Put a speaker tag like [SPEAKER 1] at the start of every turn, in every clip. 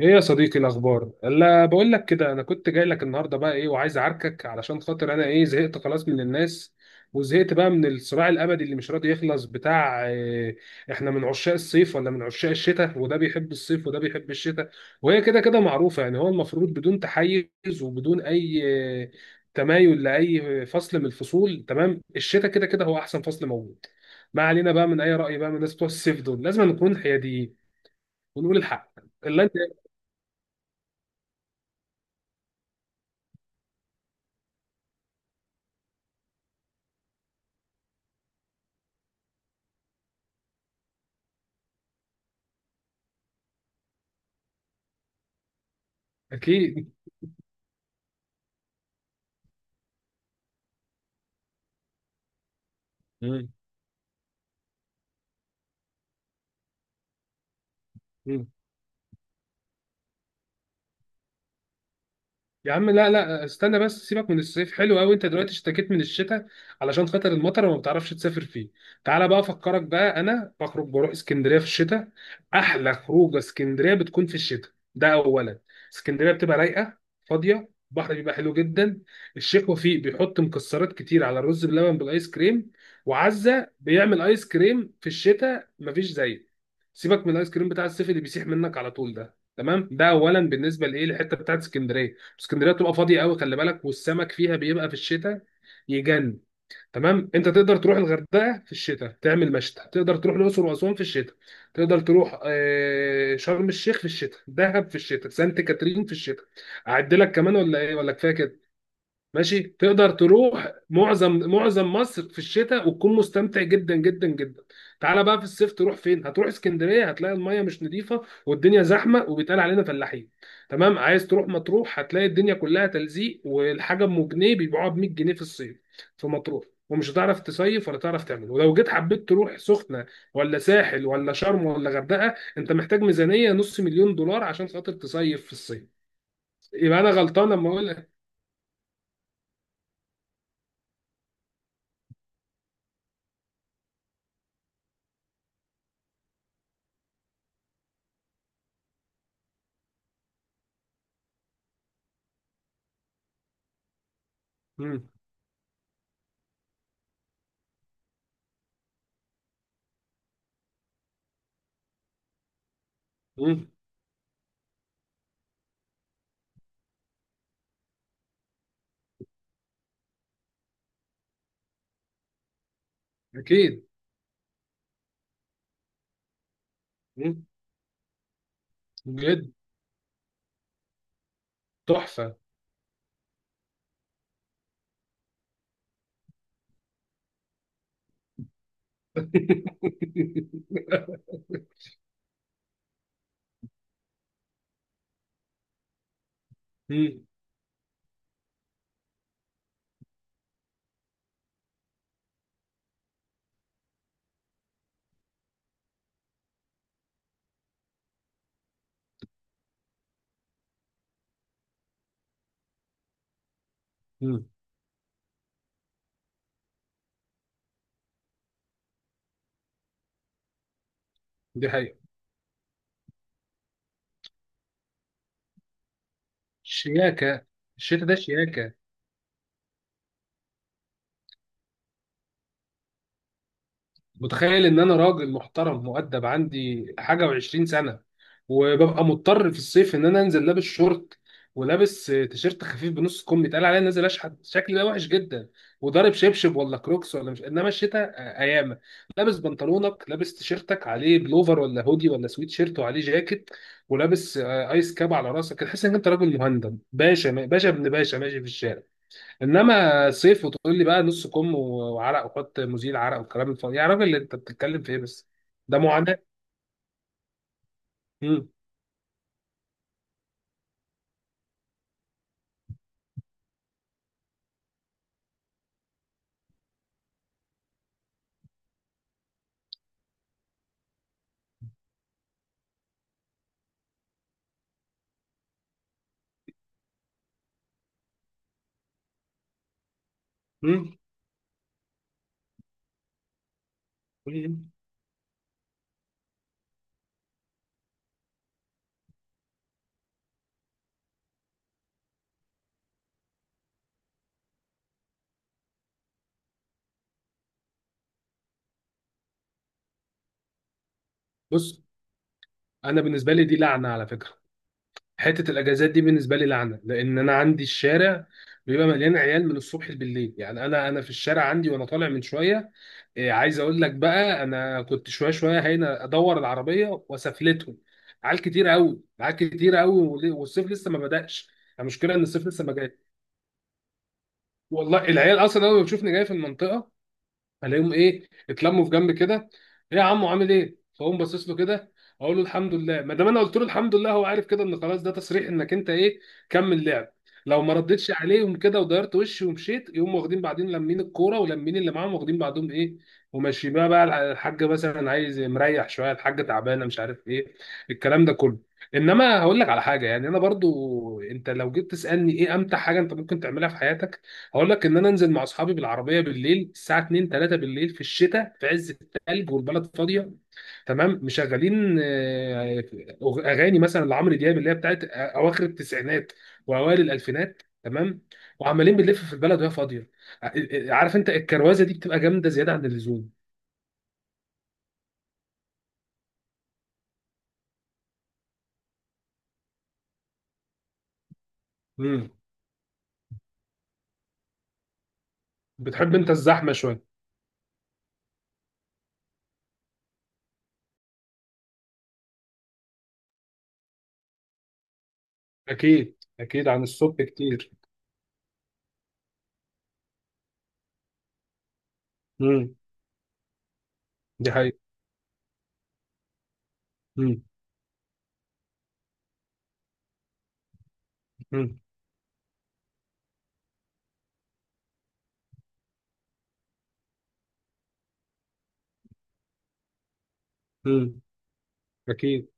[SPEAKER 1] ايه يا صديقي الاخبار؟ لا، بقول لك كده، انا كنت جاي لك النهارده بقى، ايه، وعايز اعاركك علشان خاطر انا، ايه، زهقت خلاص من الناس، وزهقت بقى من الصراع الابدي اللي مش راضي يخلص، بتاع إيه؟ احنا من عشاق الصيف ولا من عشاق الشتاء؟ وده بيحب الصيف وده بيحب الشتاء، وهي كده كده معروفه يعني. هو المفروض بدون تحيز وبدون اي آه، تمايل لاي فصل من الفصول. تمام. الشتاء كده كده هو احسن فصل موجود. ما علينا بقى من اي راي بقى من الناس بتوع الصيف دول، لازم نكون حياديين ونقول الحق اللي انت. اكيد. مم. مم. يا عم، لا لا استنى بس، سيبك من الصيف حلو قوي، انت دلوقتي اشتكيت من الشتاء علشان خاطر المطر وما بتعرفش تسافر فيه. تعالى بقى افكرك بقى، انا بخرج بروح اسكندريه في الشتاء. احلى خروجه اسكندريه بتكون في الشتاء، ده اولا. اسكندريه بتبقى رايقه، فاضيه، البحر بيبقى حلو جدا. الشيخ وفيق بيحط مكسرات كتير على الرز بلبن بالايس كريم، وعزه بيعمل ايس كريم في الشتاء مفيش زيه. سيبك من الايس كريم بتاع الصيف اللي بيسيح منك على طول ده. تمام، ده اولا بالنسبه لايه الحته بتاعت اسكندريه. اسكندريه بتبقى فاضيه قوي، خلي بالك، والسمك فيها بيبقى في الشتاء يجن. تمام، انت تقدر تروح الغردقه في الشتاء تعمل مشتى، تقدر تروح الاقصر واسوان في الشتاء، تقدر تروح شرم الشيخ في الشتاء، دهب في الشتاء، سانت كاترين في الشتاء. اعد لك كمان ولا ايه، ولا كفايه كده؟ ماشي، تقدر تروح معظم مصر في الشتاء وتكون مستمتع جدا جدا جدا. تعالى بقى في الصيف، تروح فين؟ هتروح اسكندريه هتلاقي الميه مش نظيفه والدنيا زحمه وبيتقال علينا فلاحين. تمام. عايز تروح مطروح هتلاقي الدنيا كلها تلزيق والحاجه ام جنيه بيبيعوها ب 100 جنيه في الصيف في مطروح، ومش هتعرف تصيف ولا تعرف تعمل. ولو جيت حبيت تروح سخنه ولا ساحل ولا شرم ولا غردقه، انت محتاج ميزانيه نص مليون دولار عشان خاطر تصيف في الصيف. يبقى انا غلطان لما اقول لك. مم. مم. اكيد. مم. بجد. تحفه. مم. مم. دي حقيقه. شياكه. الشتاء ده شياكه. متخيل ان انا راجل محترم مؤدب عندي حاجه وعشرين سنه، وببقى مضطر في الصيف ان انا انزل لابس شورت ولابس تيشيرت خفيف بنص كم، يتقال عليا نازل اشحت، شكلي ده وحش جدا وضارب شبشب ولا كروكس ولا مش. انما الشتاء ايامه، لابس بنطلونك، لابس تيشيرتك عليه بلوفر ولا هودي ولا سويت شيرت، وعليه جاكيت، ولابس ايس كاب على راسك، تحس ان انت راجل مهندم، باشا باشا ابن باشا ماشي في الشارع. انما صيف، وتقول لي بقى نص كم وعرق وحط مزيل عرق والكلام الفاضي، يا راجل انت بتتكلم في ايه بس؟ ده معاناه. مم. مم. مم. بص، انا بالنسبه لي دي لعنه على فكره. حته الاجازات دي بالنسبه لي لعنه، لان انا عندي الشارع بيبقى مليان عيال من الصبح بالليل. يعني انا في الشارع عندي، وانا طالع من شويه. إيه، عايز اقول لك بقى، انا كنت شويه شويه هنا ادور العربيه وسفلتهم، عيال كتير قوي، عيال كتير قوي، والصيف لسه ما بدأش. المشكله ان الصيف لسه ما جاش. والله العيال اصلا اول ما بتشوفني جاي في المنطقه، الاقيهم، ايه، اتلموا في جنب كده. ايه يا عمو، عامل ايه، فاقوم باصص له كده، اقول له الحمد لله. ما دام انا قلت له الحمد لله، هو عارف كده ان خلاص ده تصريح انك انت ايه، كمل لعب. لو ما ردتش عليهم كده ودارت وشي ومشيت، يقوم واخدين بعدين لمين الكوره ولمين اللي معاهم، واخدين بعضهم ايه وماشي. بقى الحاجه مثلا عايز مريح شويه، الحاجه تعبانه، مش عارف ايه، الكلام ده كله. انما هقول لك على حاجه، يعني انا برضو، انت لو جيت تسالني ايه امتع حاجه انت ممكن تعملها في حياتك، هقول لك ان انا انزل مع اصحابي بالعربيه بالليل الساعه 2 3 بالليل في الشتاء في عز الثلج والبلد فاضيه. تمام، مشغلين اغاني مثلا لعمرو دياب اللي هي بتاعت اواخر التسعينات واوائل الالفينات. تمام. وعمالين بنلف في البلد وهي فاضيه. ع- عارف انت الكروازه دي بتبقى جامده زياده عن اللزوم. امم. بتحب انت الزحمه شويه. اكيد، اكيد عن الصبح كتير. امم. دي حقيقه. امم. امم. امم. اكيد.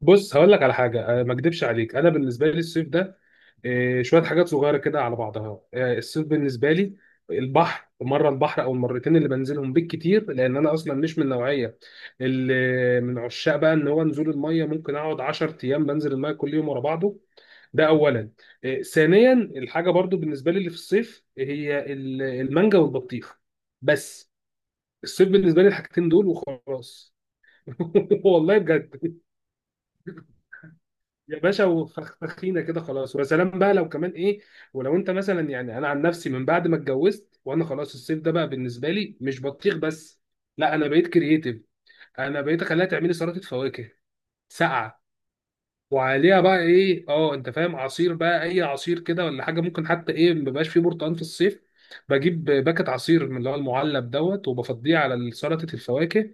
[SPEAKER 1] بص هقول لك على حاجه، ما اكدبش عليك، انا بالنسبه لي الصيف ده، شويه حاجات صغيره كده على بعضها. الصيف بالنسبه لي البحر مره، البحر او المرتين اللي بنزلهم بالكتير، لان انا اصلا مش من النوعيه اللي من عشاق بقى ان هو نزول الميه، ممكن اقعد 10 ايام بنزل الميه كل يوم ورا بعضه. ده اولا. ثانيا الحاجه برضو بالنسبه لي اللي في الصيف هي المانجا والبطيخ بس. الصيف بالنسبه لي الحاجتين دول وخلاص. والله بجد. يا باشا وفخفخينا كده خلاص، ويا سلام بقى لو كمان ايه. ولو انت مثلا، يعني انا عن نفسي من بعد ما اتجوزت وانا خلاص الصيف ده بقى بالنسبه لي مش بطيخ بس، لا انا بقيت كرييتيف. انا بقيت اخليها تعملي سلطه فواكه ساقعه، وعليها بقى ايه، اه انت فاهم، عصير بقى اي عصير كده ولا حاجه. ممكن حتى ايه، ما بيبقاش فيه برتقال في الصيف، بجيب باكت عصير من اللي هو المعلب دوت وبفضيه على سلطه الفواكه.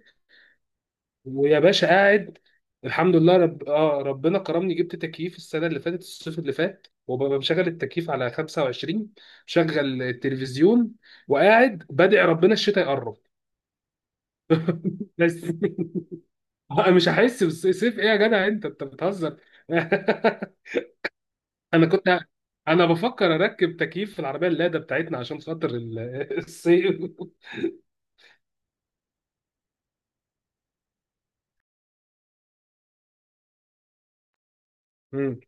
[SPEAKER 1] ويا باشا قاعد. الحمد لله رب... آه ربنا كرمني، جبت تكييف السنه اللي فاتت، الصيف اللي فات، وببقى مشغل التكييف على 25، مشغل التلفزيون، وقاعد بدعي ربنا الشتاء يقرب. بس. أنا مش هحس بالصيف؟ ايه يا جدع، انت انت بتهزر؟ انا كنت ه- انا بفكر اركب تكييف في العربيه اللاده بتاعتنا عشان خاطر الصيف. مم.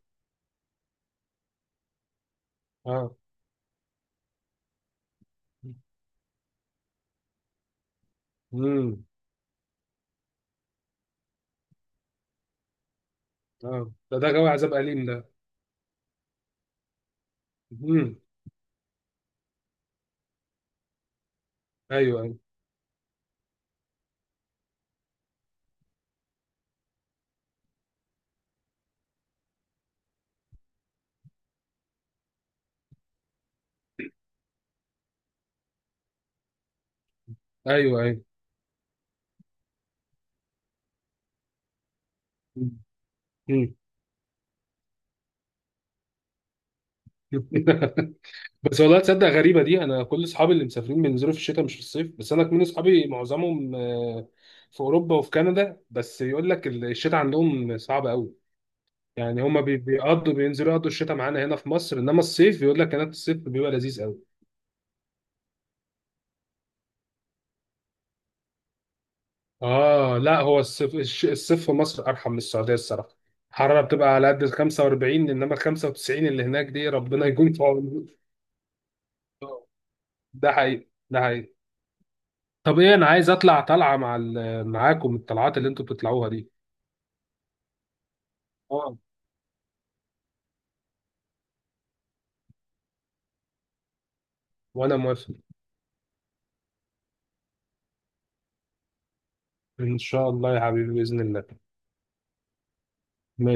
[SPEAKER 1] اه. مم. اه. ده جو عذاب اليم ده. مم. ايوه ايوه. ايوه ايوه. بس والله تصدق، غريبه دي، انا كل اصحابي اللي مسافرين بينزلوا في الشتاء مش في الصيف. بس انا كمان اصحابي معظمهم في اوروبا وفي كندا. بس يقول لك الشتاء عندهم صعب قوي، يعني هما بيقضوا بينزلوا يقضوا الشتاء معانا هنا في مصر. انما الصيف يقول لك هناك الصيف بيبقى لذيذ قوي. اه لا، هو الصيف الصيف في مصر ارحم من السعوديه الصراحه. الحراره بتبقى على قد ال 45 انما ال 95 اللي هناك دي ربنا يكون في عونه. ده حقيقي، ده حقيقي. طب ايه، انا عايز اطلع طلعه مع معاكم الطلعات اللي انتوا بتطلعوها دي. اه وانا موافق. ان شاء الله يا حبيبي، باذن الله. ماشي.